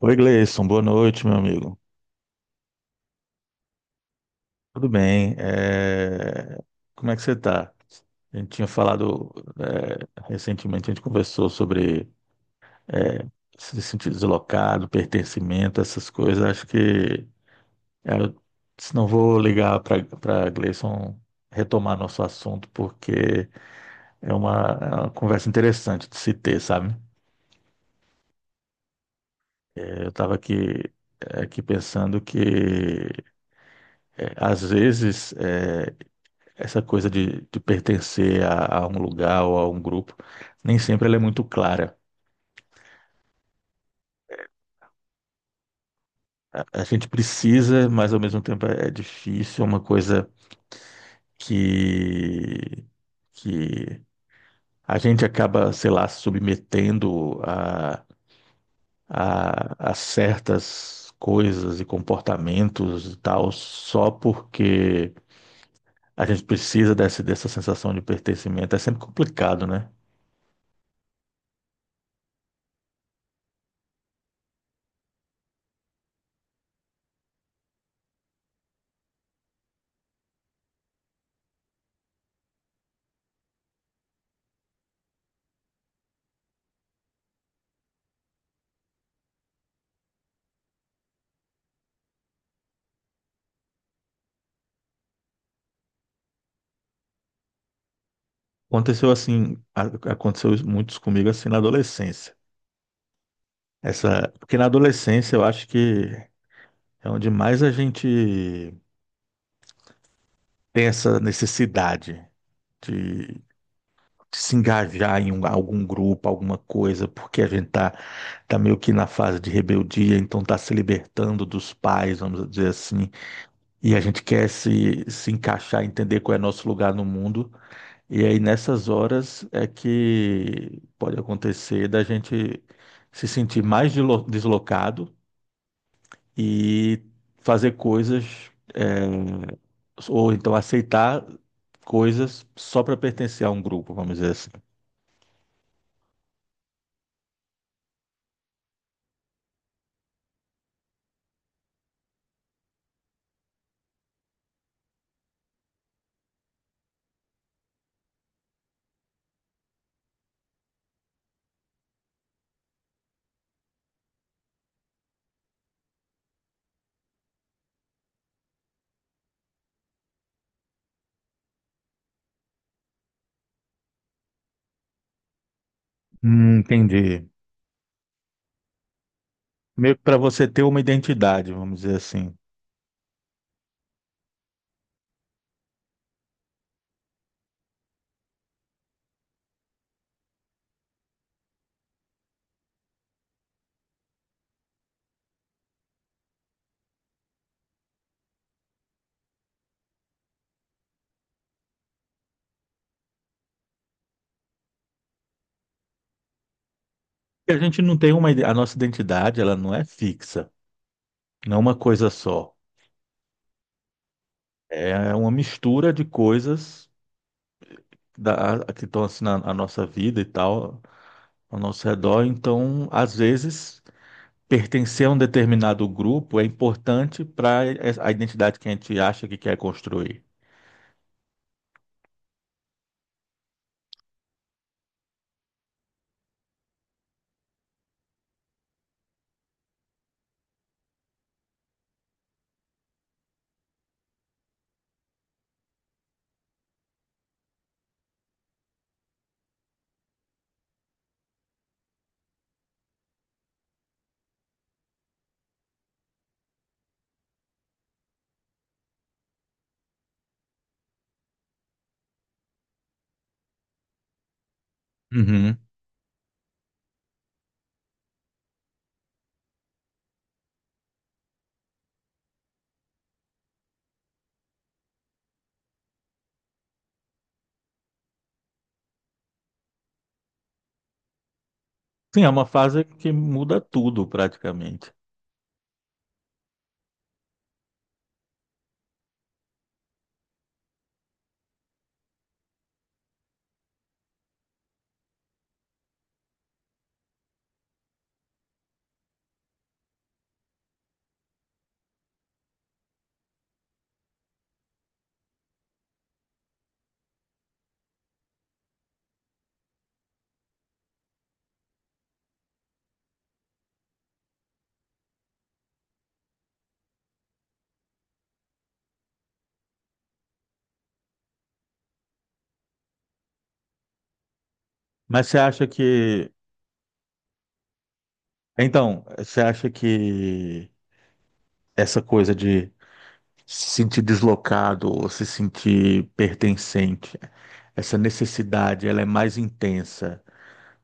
Oi, Gleison, boa noite, meu amigo. Tudo bem? Como é que você está? A gente tinha falado recentemente, a gente conversou sobre é, se sentir deslocado, pertencimento, essas coisas. Acho que é, se não vou ligar para Gleison retomar nosso assunto, porque é uma conversa interessante de se ter, sabe? Eu estava aqui, aqui pensando que às vezes. Essa coisa de pertencer a um lugar ou a um grupo, nem sempre ela é muito clara. A gente precisa, mas ao mesmo tempo é difícil, é uma coisa que, que a gente acaba, sei lá, submetendo a certas coisas e comportamentos e tal, só porque a gente precisa dessa sensação de pertencimento. É sempre complicado, né? Aconteceu assim, aconteceu muitos comigo assim na adolescência. Porque na adolescência eu acho que é onde mais a gente tem essa necessidade de se engajar em algum grupo, alguma coisa, porque a gente tá meio que na fase de rebeldia, então tá se libertando dos pais, vamos dizer assim, e a gente quer se encaixar, entender qual é nosso lugar no mundo. E aí nessas horas é que pode acontecer da gente se sentir mais deslocado e fazer coisas, é, ou então aceitar coisas só para pertencer a um grupo, vamos dizer assim. Entendi. Meio que para você ter uma identidade, vamos dizer assim. E a gente não tem a nossa identidade, ela não é fixa, não é uma coisa só. É uma mistura de coisas que estão assim na nossa vida e tal, ao nosso redor. Então, às vezes, pertencer a um determinado grupo é importante para a identidade que a gente acha que quer construir. Uhum. Sim, é uma fase que muda tudo praticamente. Mas você acha que. Então, você acha que essa coisa de se sentir deslocado ou se sentir pertencente, essa necessidade, ela é mais intensa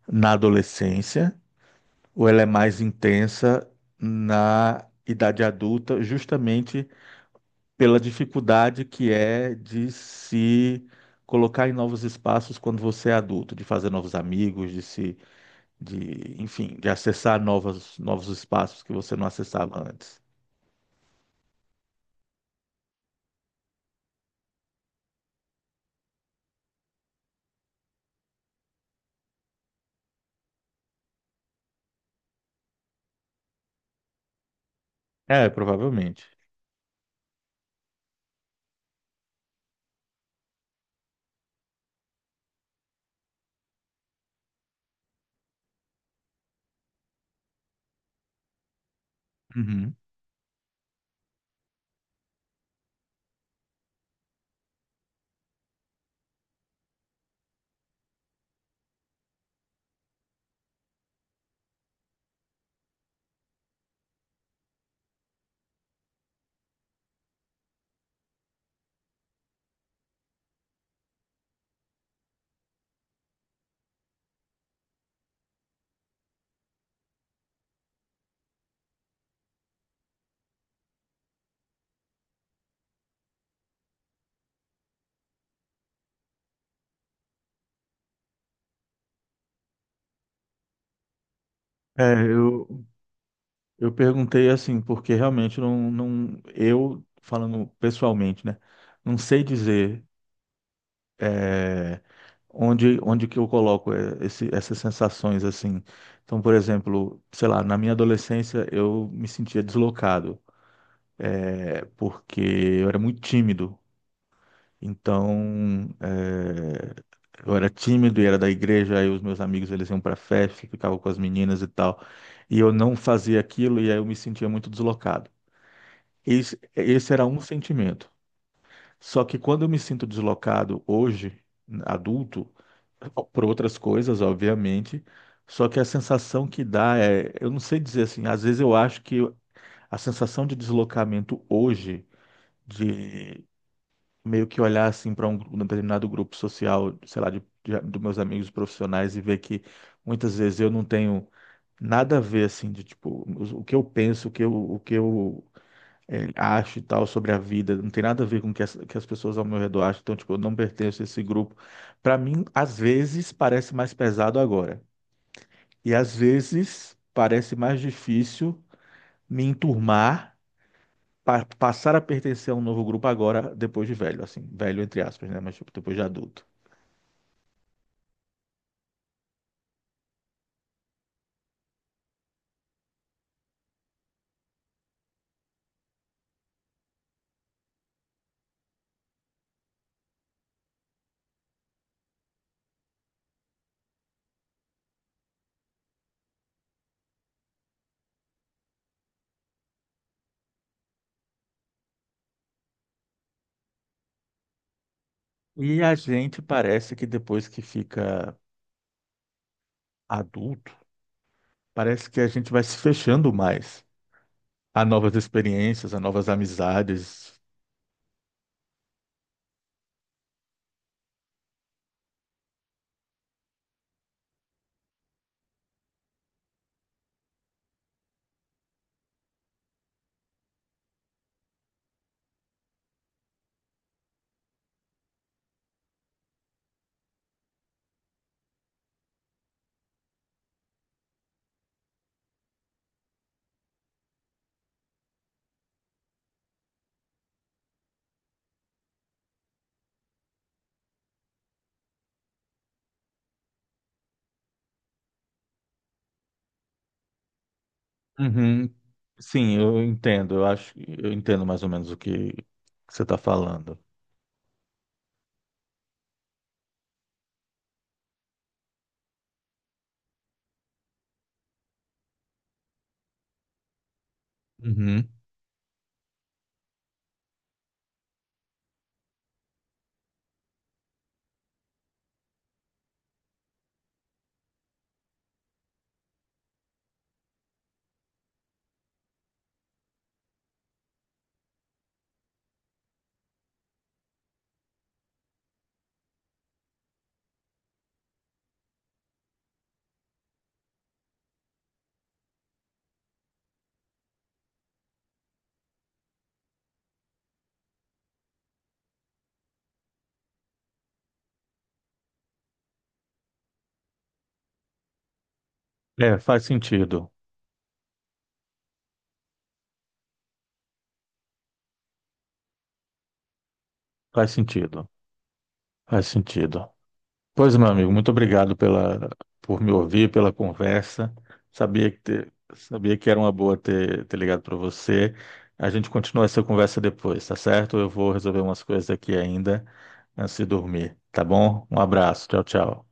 na adolescência? Ou ela é mais intensa na idade adulta, justamente pela dificuldade que é de se colocar em novos espaços quando você é adulto, de fazer novos amigos, de se, de, enfim, de acessar novos, novos espaços que você não acessava antes. É, provavelmente. Uhum. É, eu perguntei assim, porque realmente não, não, eu, falando pessoalmente, né, não sei dizer. é, Onde, onde que eu coloco essas sensações assim? Então, por exemplo, sei lá, na minha adolescência eu me sentia deslocado, porque eu era muito tímido. Então, eu era tímido e era da igreja, aí os meus amigos eles iam para festa, ficavam com as meninas e tal, e eu não fazia aquilo e aí eu me sentia muito deslocado. Esse era um sentimento. Só que quando eu me sinto deslocado hoje, adulto, por outras coisas, obviamente, só que a sensação que dá é, eu não sei dizer assim, às vezes eu acho que a sensação de deslocamento hoje, de meio que olhar assim para um determinado grupo social, sei lá, dos meus amigos profissionais e ver que muitas vezes eu não tenho nada a ver assim de tipo o que eu penso, o que eu acho e tal sobre a vida, não tem nada a ver com o que que as pessoas ao meu redor acham, então, tipo, eu não pertenço a esse grupo. Para mim, às vezes, parece mais pesado agora, e às vezes, parece mais difícil me enturmar, pa passar a pertencer a um novo grupo agora, depois de velho, assim, velho entre aspas, né, mas tipo, depois de adulto. E a gente parece que depois que fica adulto, parece que a gente vai se fechando mais a novas experiências, a novas amizades. Uhum. Sim, eu entendo. Eu acho, eu entendo mais ou menos o que que você está falando. Uhum. É, faz sentido. Faz sentido. Faz sentido. Pois, meu amigo, muito obrigado pela, por me ouvir, pela conversa. Sabia que, sabia que era uma boa ter ligado para você. A gente continua essa conversa depois, tá certo? Eu vou resolver umas coisas aqui ainda antes de dormir, tá bom? Um abraço. Tchau, tchau.